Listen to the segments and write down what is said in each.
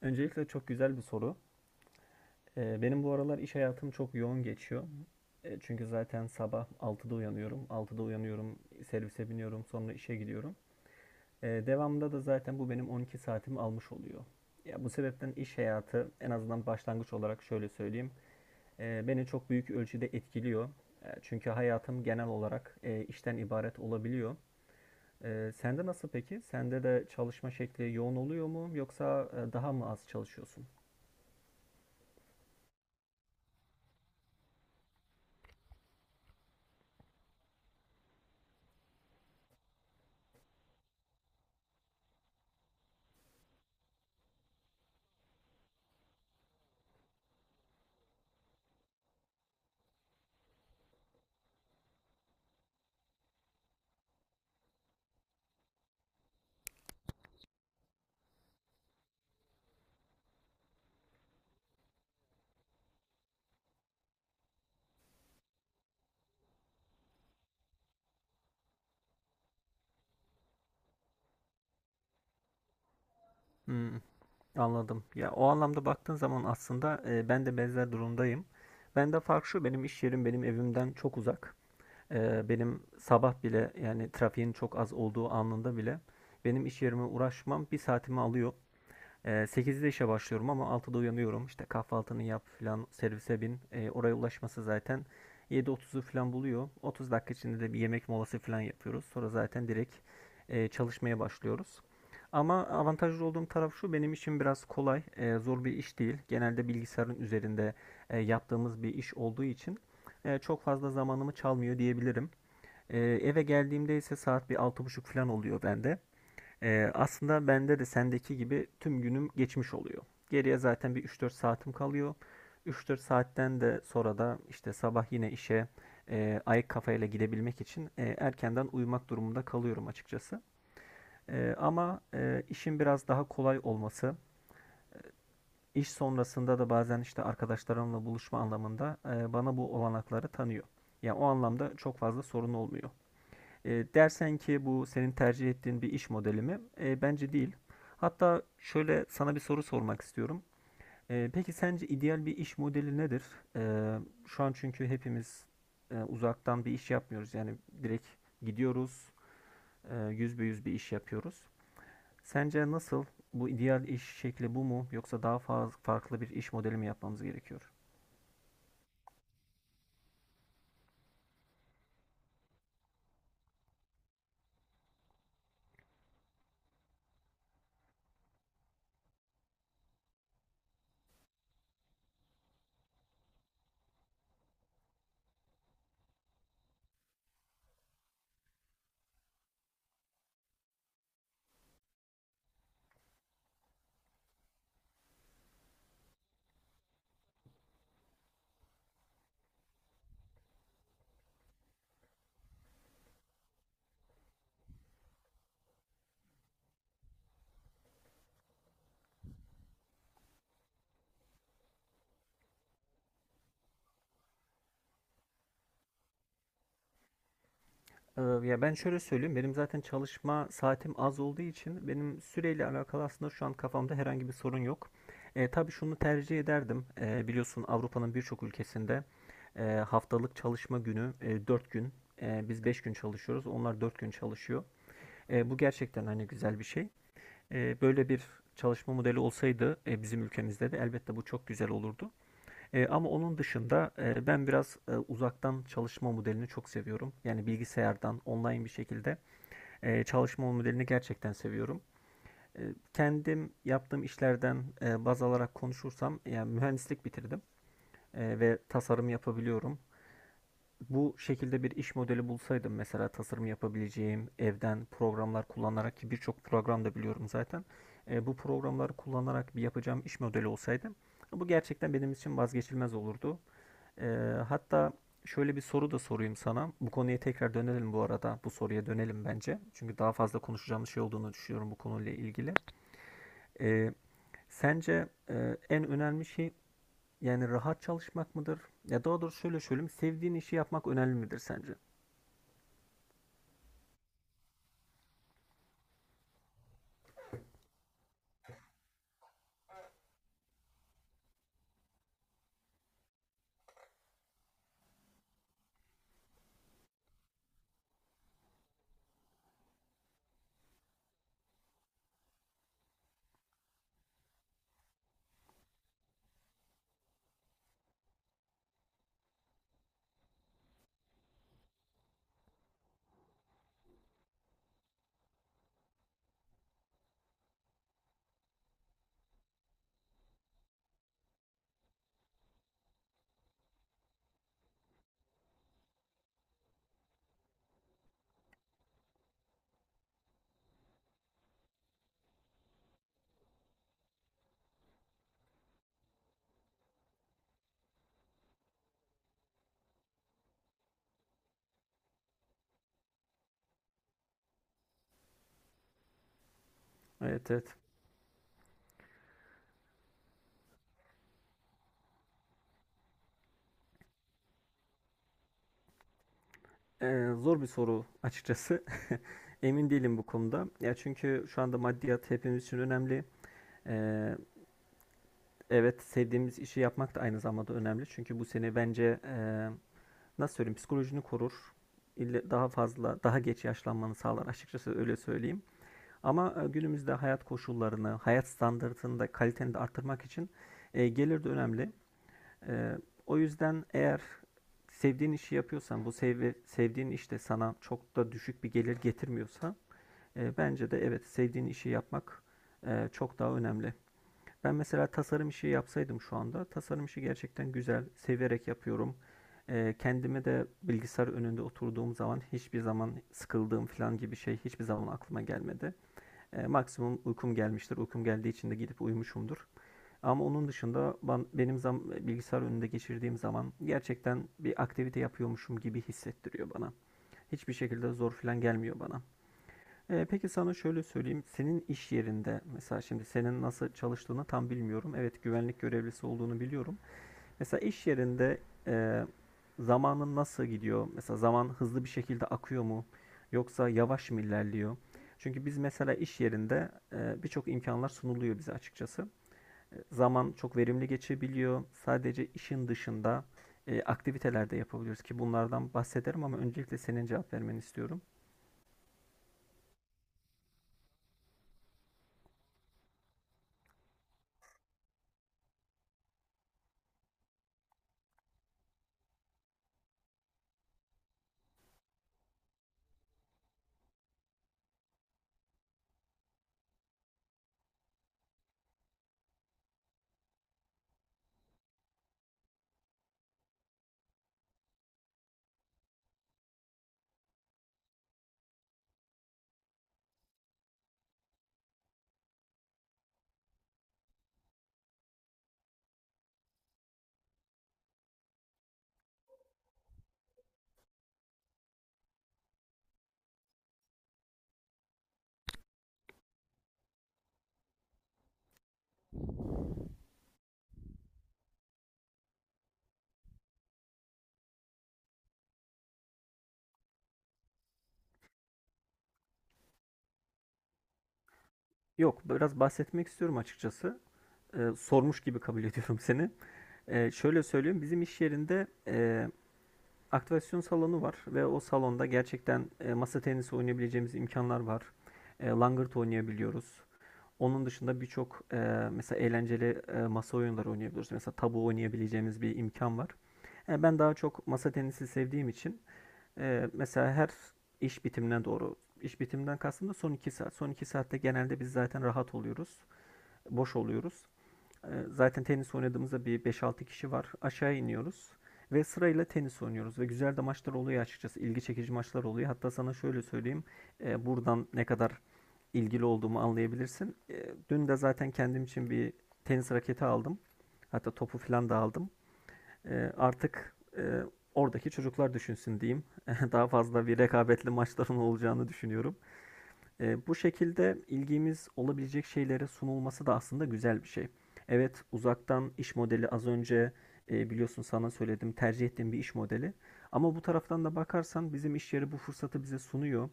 Öncelikle çok güzel bir soru. Benim bu aralar iş hayatım çok yoğun geçiyor. Çünkü zaten sabah 6'da uyanıyorum. Servise biniyorum, sonra işe gidiyorum. Devamında da zaten bu benim 12 saatimi almış oluyor. Ya bu sebepten iş hayatı en azından başlangıç olarak şöyle söyleyeyim. Beni çok büyük ölçüde etkiliyor. Çünkü hayatım genel olarak işten ibaret olabiliyor. Sende nasıl peki? Sende de çalışma şekli yoğun oluyor mu yoksa daha mı az çalışıyorsun? Hmm. Anladım. Ya o anlamda baktığın zaman aslında ben de benzer durumdayım. Ben de fark şu benim iş yerim benim evimden çok uzak. Benim sabah bile yani trafiğin çok az olduğu anında bile benim iş yerime uğraşmam bir saatimi alıyor. 8'de işe başlıyorum ama 6'da uyanıyorum. İşte kahvaltını yap filan servise bin. Oraya ulaşması zaten 7.30'u falan buluyor. 30 dakika içinde de bir yemek molası falan yapıyoruz. Sonra zaten direkt çalışmaya başlıyoruz. Ama avantajlı olduğum taraf şu benim için biraz kolay, zor bir iş değil. Genelde bilgisayarın üzerinde yaptığımız bir iş olduğu için çok fazla zamanımı çalmıyor diyebilirim. Eve geldiğimde ise saat bir altı buçuk falan oluyor bende. Aslında bende de sendeki gibi tüm günüm geçmiş oluyor. Geriye zaten bir üç dört saatim kalıyor. Üç dört saatten de sonra da işte sabah yine işe ayık kafayla gidebilmek için erkenden uyumak durumunda kalıyorum açıkçası. Ama işin biraz daha kolay olması, iş sonrasında da bazen işte arkadaşlarımla buluşma anlamında bana bu olanakları tanıyor. Yani o anlamda çok fazla sorun olmuyor. Dersen ki bu senin tercih ettiğin bir iş modeli mi? Bence değil. Hatta şöyle sana bir soru sormak istiyorum. Peki sence ideal bir iş modeli nedir? E, şu an çünkü hepimiz uzaktan bir iş yapmıyoruz. Yani direkt gidiyoruz, yüz be yüz bir iş yapıyoruz. Sence nasıl? Bu ideal iş şekli bu mu? Yoksa daha fazla farklı bir iş modeli mi yapmamız gerekiyor? Ya ben şöyle söyleyeyim. Benim zaten çalışma saatim az olduğu için benim süreyle alakalı aslında şu an kafamda herhangi bir sorun yok. Tabii şunu tercih ederdim. Biliyorsun Avrupa'nın birçok ülkesinde haftalık çalışma günü 4 gün. Biz 5 gün çalışıyoruz. Onlar 4 gün çalışıyor. Bu gerçekten hani güzel bir şey. Böyle bir çalışma modeli olsaydı bizim ülkemizde de elbette bu çok güzel olurdu. Ama onun dışında ben biraz uzaktan çalışma modelini çok seviyorum. Yani bilgisayardan online bir şekilde çalışma modelini gerçekten seviyorum. Kendim yaptığım işlerden baz alarak konuşursam, yani mühendislik bitirdim ve tasarım yapabiliyorum. Bu şekilde bir iş modeli bulsaydım mesela tasarım yapabileceğim evden programlar kullanarak ki birçok program da biliyorum zaten. Bu programları kullanarak bir yapacağım iş modeli olsaydı bu gerçekten benim için vazgeçilmez olurdu. Ee, hatta şöyle bir soru da sorayım sana. Bu konuya tekrar dönelim bu arada. Bu soruya dönelim bence. Çünkü daha fazla konuşacağımız şey olduğunu düşünüyorum bu konuyla ilgili. Ee, sence en önemli şey yani rahat çalışmak mıdır? Ya daha doğrusu şöyle söyleyeyim. Sevdiğin işi yapmak önemli midir sence? Evet, evet. Zor bir soru açıkçası. Emin değilim bu konuda. Ya çünkü şu anda maddiyat hepimiz için önemli. Ee, evet sevdiğimiz işi yapmak da aynı zamanda önemli. Çünkü bu seni bence nasıl söyleyeyim psikolojini korur. Daha fazla, daha geç yaşlanmanı sağlar. Açıkçası öyle söyleyeyim. Ama günümüzde hayat koşullarını, hayat standartını da kaliteni de arttırmak için gelir de önemli. E, o yüzden eğer sevdiğin işi yapıyorsan, bu sevdiğin iş de sana çok da düşük bir gelir getirmiyorsa, bence de evet sevdiğin işi yapmak çok daha önemli. Ben mesela tasarım işi yapsaydım şu anda, tasarım işi gerçekten güzel, severek yapıyorum. Kendime de bilgisayar önünde oturduğum zaman hiçbir zaman sıkıldığım falan gibi şey hiçbir zaman aklıma gelmedi. Maksimum uykum gelmiştir. Uykum geldiği için de gidip uyumuşumdur. Ama onun dışında bilgisayar önünde geçirdiğim zaman gerçekten bir aktivite yapıyormuşum gibi hissettiriyor bana. Hiçbir şekilde zor falan gelmiyor bana. Peki sana şöyle söyleyeyim. Senin iş yerinde mesela şimdi senin nasıl çalıştığını tam bilmiyorum. Evet, güvenlik görevlisi olduğunu biliyorum. Mesela iş yerinde eee, zamanın nasıl gidiyor? Mesela zaman hızlı bir şekilde akıyor mu? Yoksa yavaş mı ilerliyor? Çünkü biz mesela iş yerinde birçok imkanlar sunuluyor bize açıkçası. Zaman çok verimli geçebiliyor. Sadece işin dışında aktiviteler de yapabiliyoruz ki bunlardan bahsederim ama öncelikle senin cevap vermeni istiyorum. Yok, biraz bahsetmek istiyorum açıkçası. Sormuş gibi kabul ediyorum seni. Şöyle söyleyeyim, bizim iş yerinde aktivasyon salonu var ve o salonda gerçekten masa tenisi oynayabileceğimiz imkanlar var. Langırt oynayabiliyoruz. Onun dışında birçok mesela eğlenceli masa oyunları oynayabiliyoruz. Mesela tabu oynayabileceğimiz bir imkan var. Ben daha çok masa tenisi sevdiğim için mesela her iş bitimine doğru, iş bitiminden kastım da son 2 saat. Son 2 saatte genelde biz zaten rahat oluyoruz, boş oluyoruz. Zaten tenis oynadığımızda bir 5-6 kişi var. Aşağı iniyoruz ve sırayla tenis oynuyoruz ve güzel de maçlar oluyor açıkçası. İlgi çekici maçlar oluyor. Hatta sana şöyle söyleyeyim. Buradan ne kadar ilgili olduğumu anlayabilirsin. Dün de zaten kendim için bir tenis raketi aldım. Hatta topu falan da aldım. Artık oradaki çocuklar düşünsün diyeyim. Daha fazla bir rekabetli maçların olacağını düşünüyorum. Bu şekilde ilgimiz olabilecek şeylere sunulması da aslında güzel bir şey. Evet, uzaktan iş modeli az önce biliyorsun sana söyledim tercih ettiğim bir iş modeli. Ama bu taraftan da bakarsan bizim iş yeri bu fırsatı bize sunuyor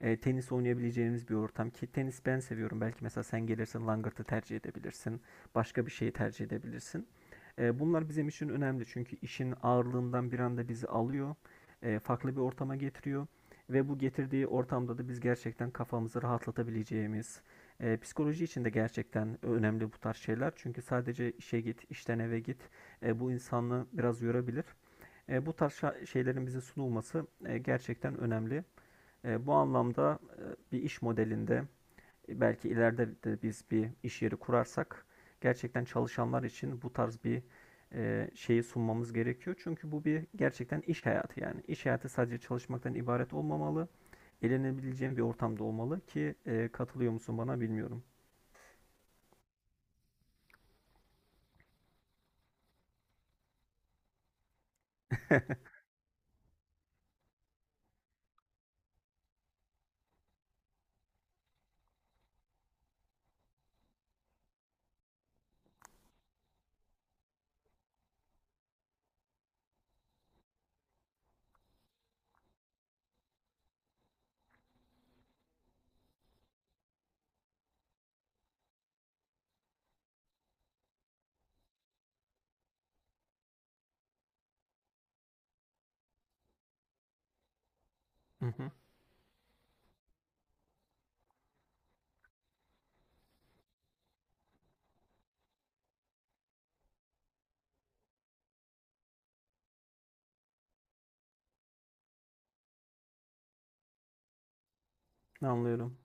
tenis oynayabileceğimiz bir ortam ki tenis ben seviyorum. Belki mesela sen gelirsin langırtı tercih edebilirsin. Başka bir şeyi tercih edebilirsin. Bunlar bizim için önemli çünkü işin ağırlığından bir anda bizi alıyor. Farklı bir ortama getiriyor. Ve bu getirdiği ortamda da biz gerçekten kafamızı rahatlatabileceğimiz, psikoloji için de gerçekten önemli bu tarz şeyler. Çünkü sadece işe git, işten eve git, bu insanı biraz yorabilir. Bu tarz şeylerin bize sunulması gerçekten önemli. Bu anlamda bir iş modelinde belki ileride de biz bir iş yeri kurarsak gerçekten çalışanlar için bu tarz bir şeyi sunmamız gerekiyor. Çünkü bu bir gerçekten iş hayatı yani. İş hayatı sadece çalışmaktan ibaret olmamalı. Eğlenebileceğin bir ortamda olmalı ki katılıyor musun bana bilmiyorum. Anlıyorum.